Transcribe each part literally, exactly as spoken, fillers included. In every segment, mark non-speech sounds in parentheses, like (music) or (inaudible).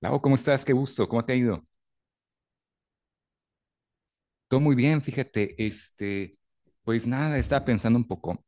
Lau, ¿cómo estás? Qué gusto, ¿cómo te ha ido? Todo muy bien, fíjate, este, pues nada, estaba pensando un poco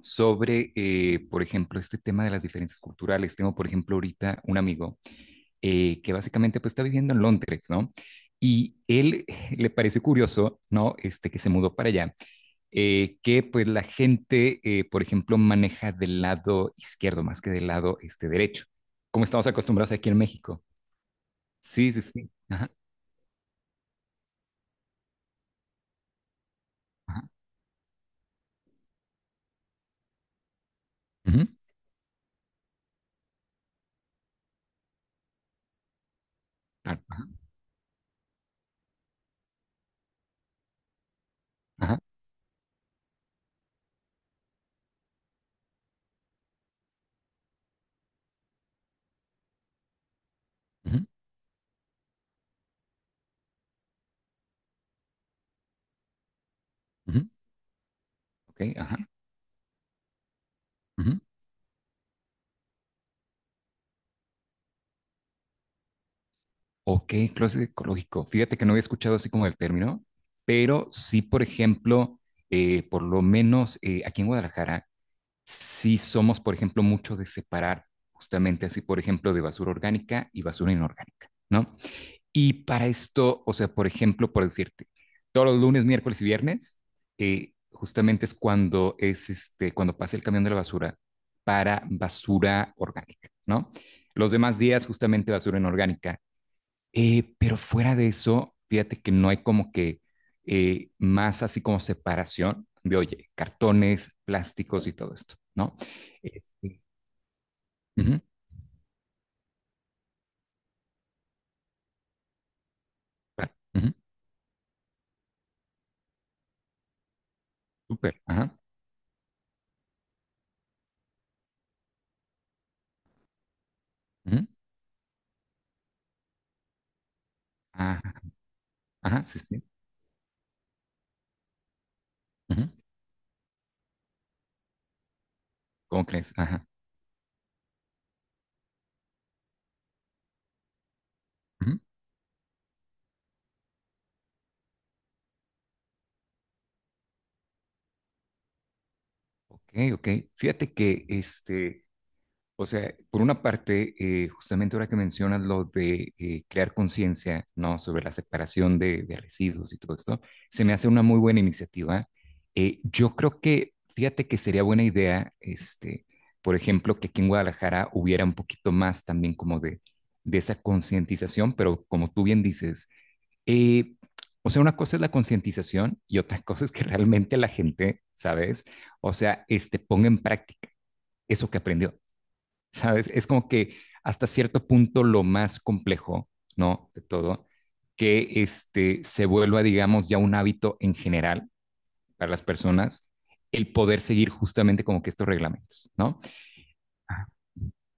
sobre, eh, por ejemplo, este tema de las diferencias culturales. Tengo, por ejemplo, ahorita un amigo eh, que básicamente pues está viviendo en Londres, ¿no? Y él (laughs) le pareció curioso, ¿no? Este, que se mudó para allá, eh, que pues la gente, eh, por ejemplo, maneja del lado izquierdo más que del lado este derecho, como estamos acostumbrados aquí en México. Sí, sí, sí. Ajá, ajá. Ujú, claro, ajá, ajá. Ujú, ujú, ok, ajá. Ujú. Ok, closet ecológico. Fíjate que no había escuchado así como el término, pero sí, por ejemplo, eh, por lo menos eh, aquí en Guadalajara, sí somos, por ejemplo, mucho de separar justamente así, por ejemplo, de basura orgánica y basura inorgánica, ¿no? Y para esto, o sea, por ejemplo, por decirte, todos los lunes, miércoles y viernes, eh, justamente es cuando es este, cuando pasa el camión de la basura para basura orgánica, ¿no? Los demás días, justamente basura inorgánica. Eh, pero fuera de eso, fíjate que no hay como que eh, más así como separación de, oye, cartones, plásticos y todo esto, ¿no? Este, Ujú, claro, ujú, súper, ajá, ujú, ajá, ajá, sí, sí, ujú, ¿cómo crees? Ajá. Ujú. Ok, ok. Fíjate que, este, o sea, por una parte, eh, justamente ahora que mencionas lo de eh, crear conciencia, ¿no? Sobre la separación de, de residuos y todo esto, se me hace una muy buena iniciativa. Eh, yo creo que, fíjate que sería buena idea, este, por ejemplo, que aquí en Guadalajara hubiera un poquito más también como de, de esa concientización, pero como tú bien dices. Eh, o sea, una cosa es la concientización y otra (laughs) cosa es que realmente la gente, ¿sabes? O sea, este, ponga en práctica eso que aprendió, ¿sabes? Es como que hasta cierto punto lo más complejo, ¿no? De todo, que este, se vuelva, digamos, ya un hábito en general para las personas el poder seguir justamente como que estos reglamentos, ¿no? Ajá,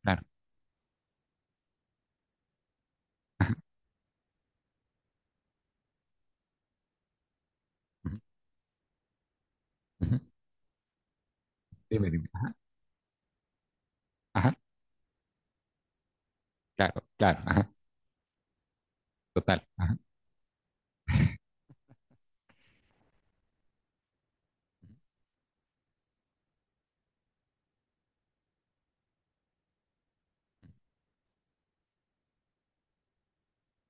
claro. Ujú, ujú. Dime, dime. Ajá, claro, claro, ajá, total. Ajá,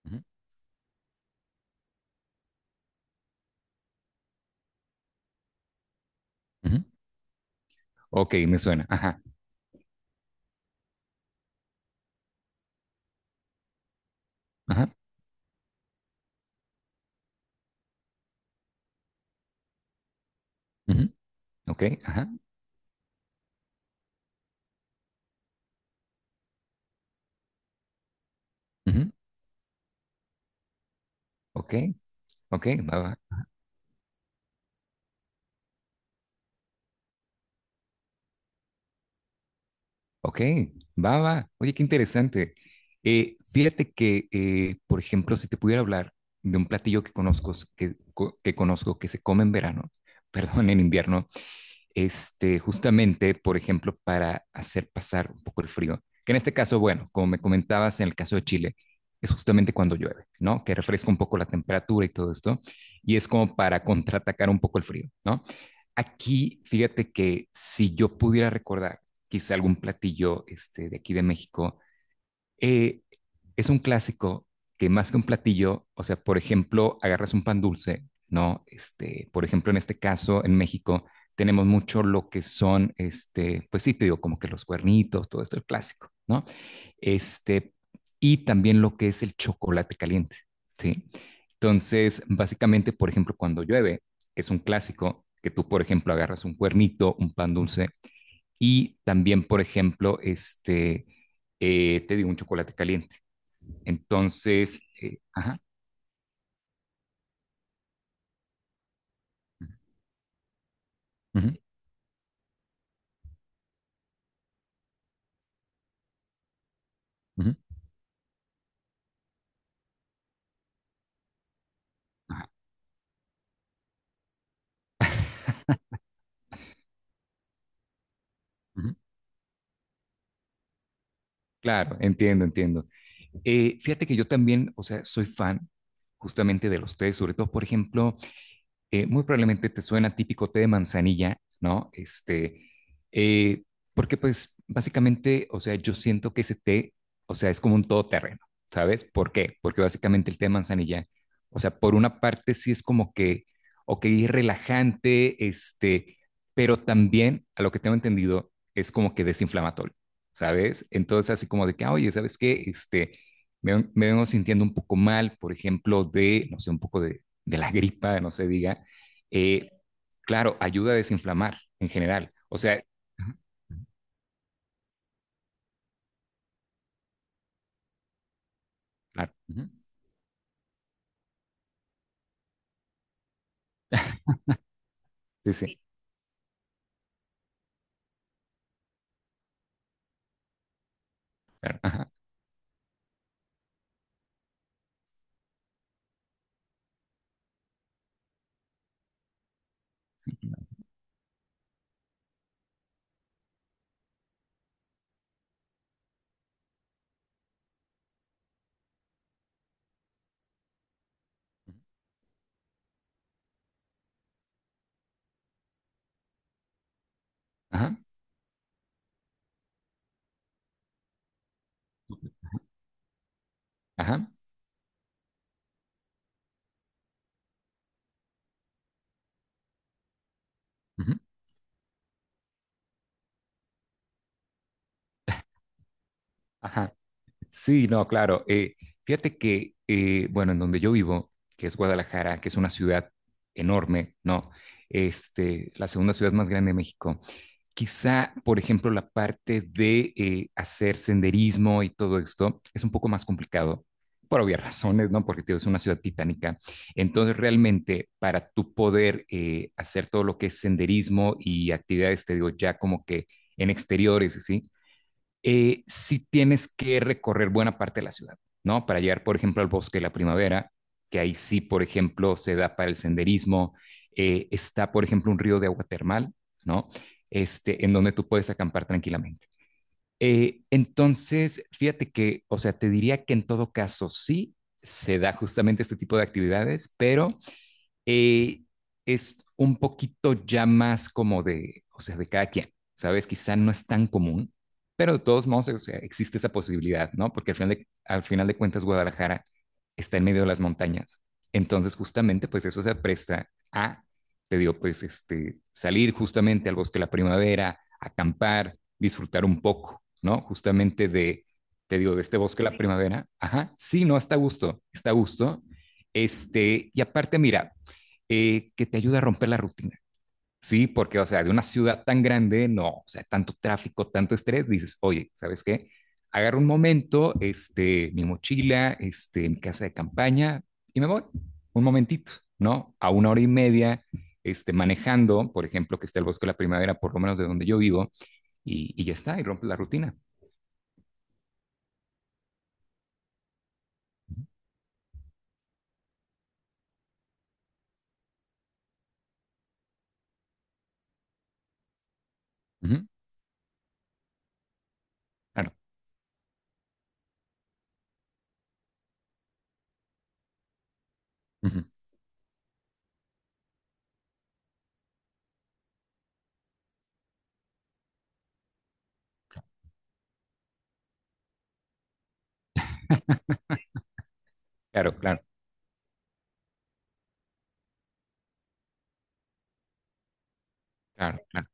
ujú, ujú. Ok, me suena. Ajá. Ajá, ujú, ok, ajá, ujú, ok, ok, va, va, ok, va, va. Oye, qué interesante. Eh, fíjate que, eh, por ejemplo, si te pudiera hablar de un platillo que conozco, que, co- que conozco, que se come en verano, (laughs) perdón, en invierno, este, justamente, por ejemplo, para hacer pasar un poco el frío. Que en este caso, bueno, como me comentabas en el caso de Chile, es justamente cuando llueve, ¿no? Que refresca un poco la temperatura y todo esto. Y es como para contraatacar un poco el frío, ¿no? Aquí, fíjate que si yo pudiera recordar quizá algún platillo este, de aquí de México, eh, es un clásico que más que un platillo, o sea, por ejemplo, agarras un pan dulce, ¿no? Este, por ejemplo, en este caso, en México, tenemos mucho lo que son, este, pues sí, te digo, como que los cuernitos, todo esto, el clásico, ¿no? Este, y también lo que es el chocolate caliente, ¿sí? Entonces, básicamente, por ejemplo, cuando llueve, es un clásico que tú, por ejemplo, agarras un cuernito, un pan dulce y también, por ejemplo, este, eh, te digo un chocolate caliente. Entonces, eh, ajá, ujú, ujú, ajá, ujú. Claro, entiendo, entiendo. Eh, fíjate que yo también, o sea, soy fan justamente de los tés, sobre todo, por ejemplo, eh, muy probablemente te suena típico té de manzanilla, ¿no? Este, eh, Porque pues básicamente, o sea, yo siento que ese té, o sea, es como un todoterreno, ¿sabes? ¿Por qué? Porque básicamente el té de manzanilla, o sea, por una parte sí es como que, ok, es relajante, este, pero también, a lo que tengo entendido, es como que desinflamatorio, ¿sabes? Entonces, así como de que, ah, oye, ¿sabes qué? Este, me, me vengo sintiendo un poco mal, por ejemplo, de, no sé, un poco de, de la gripa, no se diga, eh, claro, ayuda a desinflamar en general. O sea, ajá, claro. Ujú, sí, sí. Claro, ajá, ajá, ajá, ujú, ajá. Sí, no, claro. Eh, fíjate que, eh, bueno, en donde yo vivo, que es Guadalajara, que es una ciudad enorme, ¿no? Este, la segunda ciudad más grande de México. Quizá, por ejemplo, la parte de eh, hacer senderismo y todo esto es un poco más complicado por obvias razones, ¿no? Porque tío, es una ciudad titánica. Entonces, realmente, para tú poder eh, hacer todo lo que es senderismo y actividades, te digo, ya como que en exteriores, ¿sí? Eh, sí tienes que recorrer buena parte de la ciudad, ¿no? Para llegar, por ejemplo, al Bosque de la Primavera, que ahí sí, por ejemplo, se da para el senderismo. Eh, está, por ejemplo, un río de agua termal, ¿no? Este, en donde tú puedes acampar tranquilamente. Eh, entonces, fíjate que, o sea, te diría que en todo caso sí se da justamente este tipo de actividades, pero eh, es un poquito ya más como de, o sea, de cada quien, ¿sabes? Quizá no es tan común, pero de todos modos, o sea, existe esa posibilidad, ¿no? Porque al final de, al final de cuentas, Guadalajara está en medio de las montañas. Entonces, justamente, pues eso se presta a, te digo, pues este, salir justamente al Bosque de la Primavera, acampar, disfrutar un poco, ¿no? Justamente de, te digo, de este Bosque de la Primavera. Ajá, sí, no, está a gusto, está a gusto. Este, y aparte, mira, eh, que te ayuda a romper la rutina. Sí, porque, o sea, de una ciudad tan grande, no, o sea, tanto tráfico, tanto estrés, dices, oye, ¿sabes qué? Agarro un momento, este, mi mochila, este, mi casa de campaña y me voy un momentito, ¿no? A una hora y media, este, manejando, por ejemplo, que está el Bosque de la Primavera, por lo menos de donde yo vivo, y, y ya está, y rompe la rutina. Ujú, claro, ujú, claro, claro, claro, claro.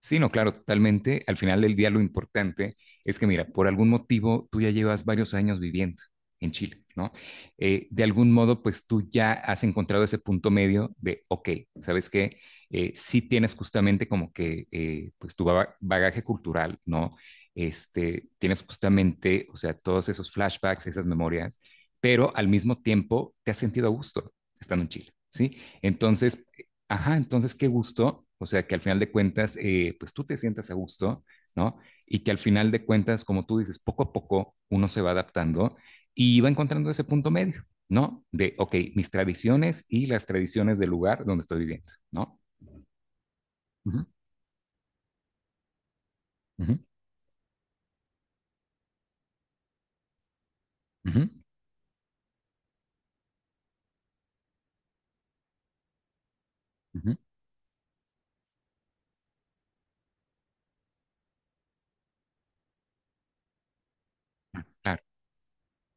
Sí, no, claro, totalmente. Al final del día lo importante es que, mira, por algún motivo tú ya llevas varios años viviendo en Chile, ¿no? Eh, de algún modo, pues tú ya has encontrado ese punto medio de, ok, ¿sabes qué? Eh, sí tienes justamente como que, eh, pues tu ba- bagaje cultural, ¿no? Este, tienes justamente, o sea, todos esos flashbacks, esas memorias, pero al mismo tiempo te has sentido a gusto estando en Chile, ¿sí? Entonces, ajá, entonces qué gusto, o sea, que al final de cuentas, eh, pues tú te sientas a gusto, ¿no? Y que al final de cuentas, como tú dices, poco a poco uno se va adaptando y va encontrando ese punto medio, ¿no? De, ok, mis tradiciones y las tradiciones del lugar donde estoy viviendo, ¿no? Ujú, ujú, ujú, ujú. Claro,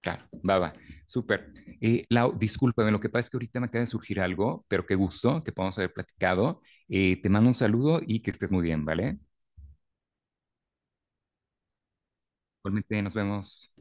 claro, va, va, súper. Eh, Lau, discúlpame, lo que pasa es que ahorita me acaba de surgir algo, pero qué gusto que podamos haber platicado. Eh, te mando un saludo y que estés muy bien, ¿vale? Igualmente, nos vemos.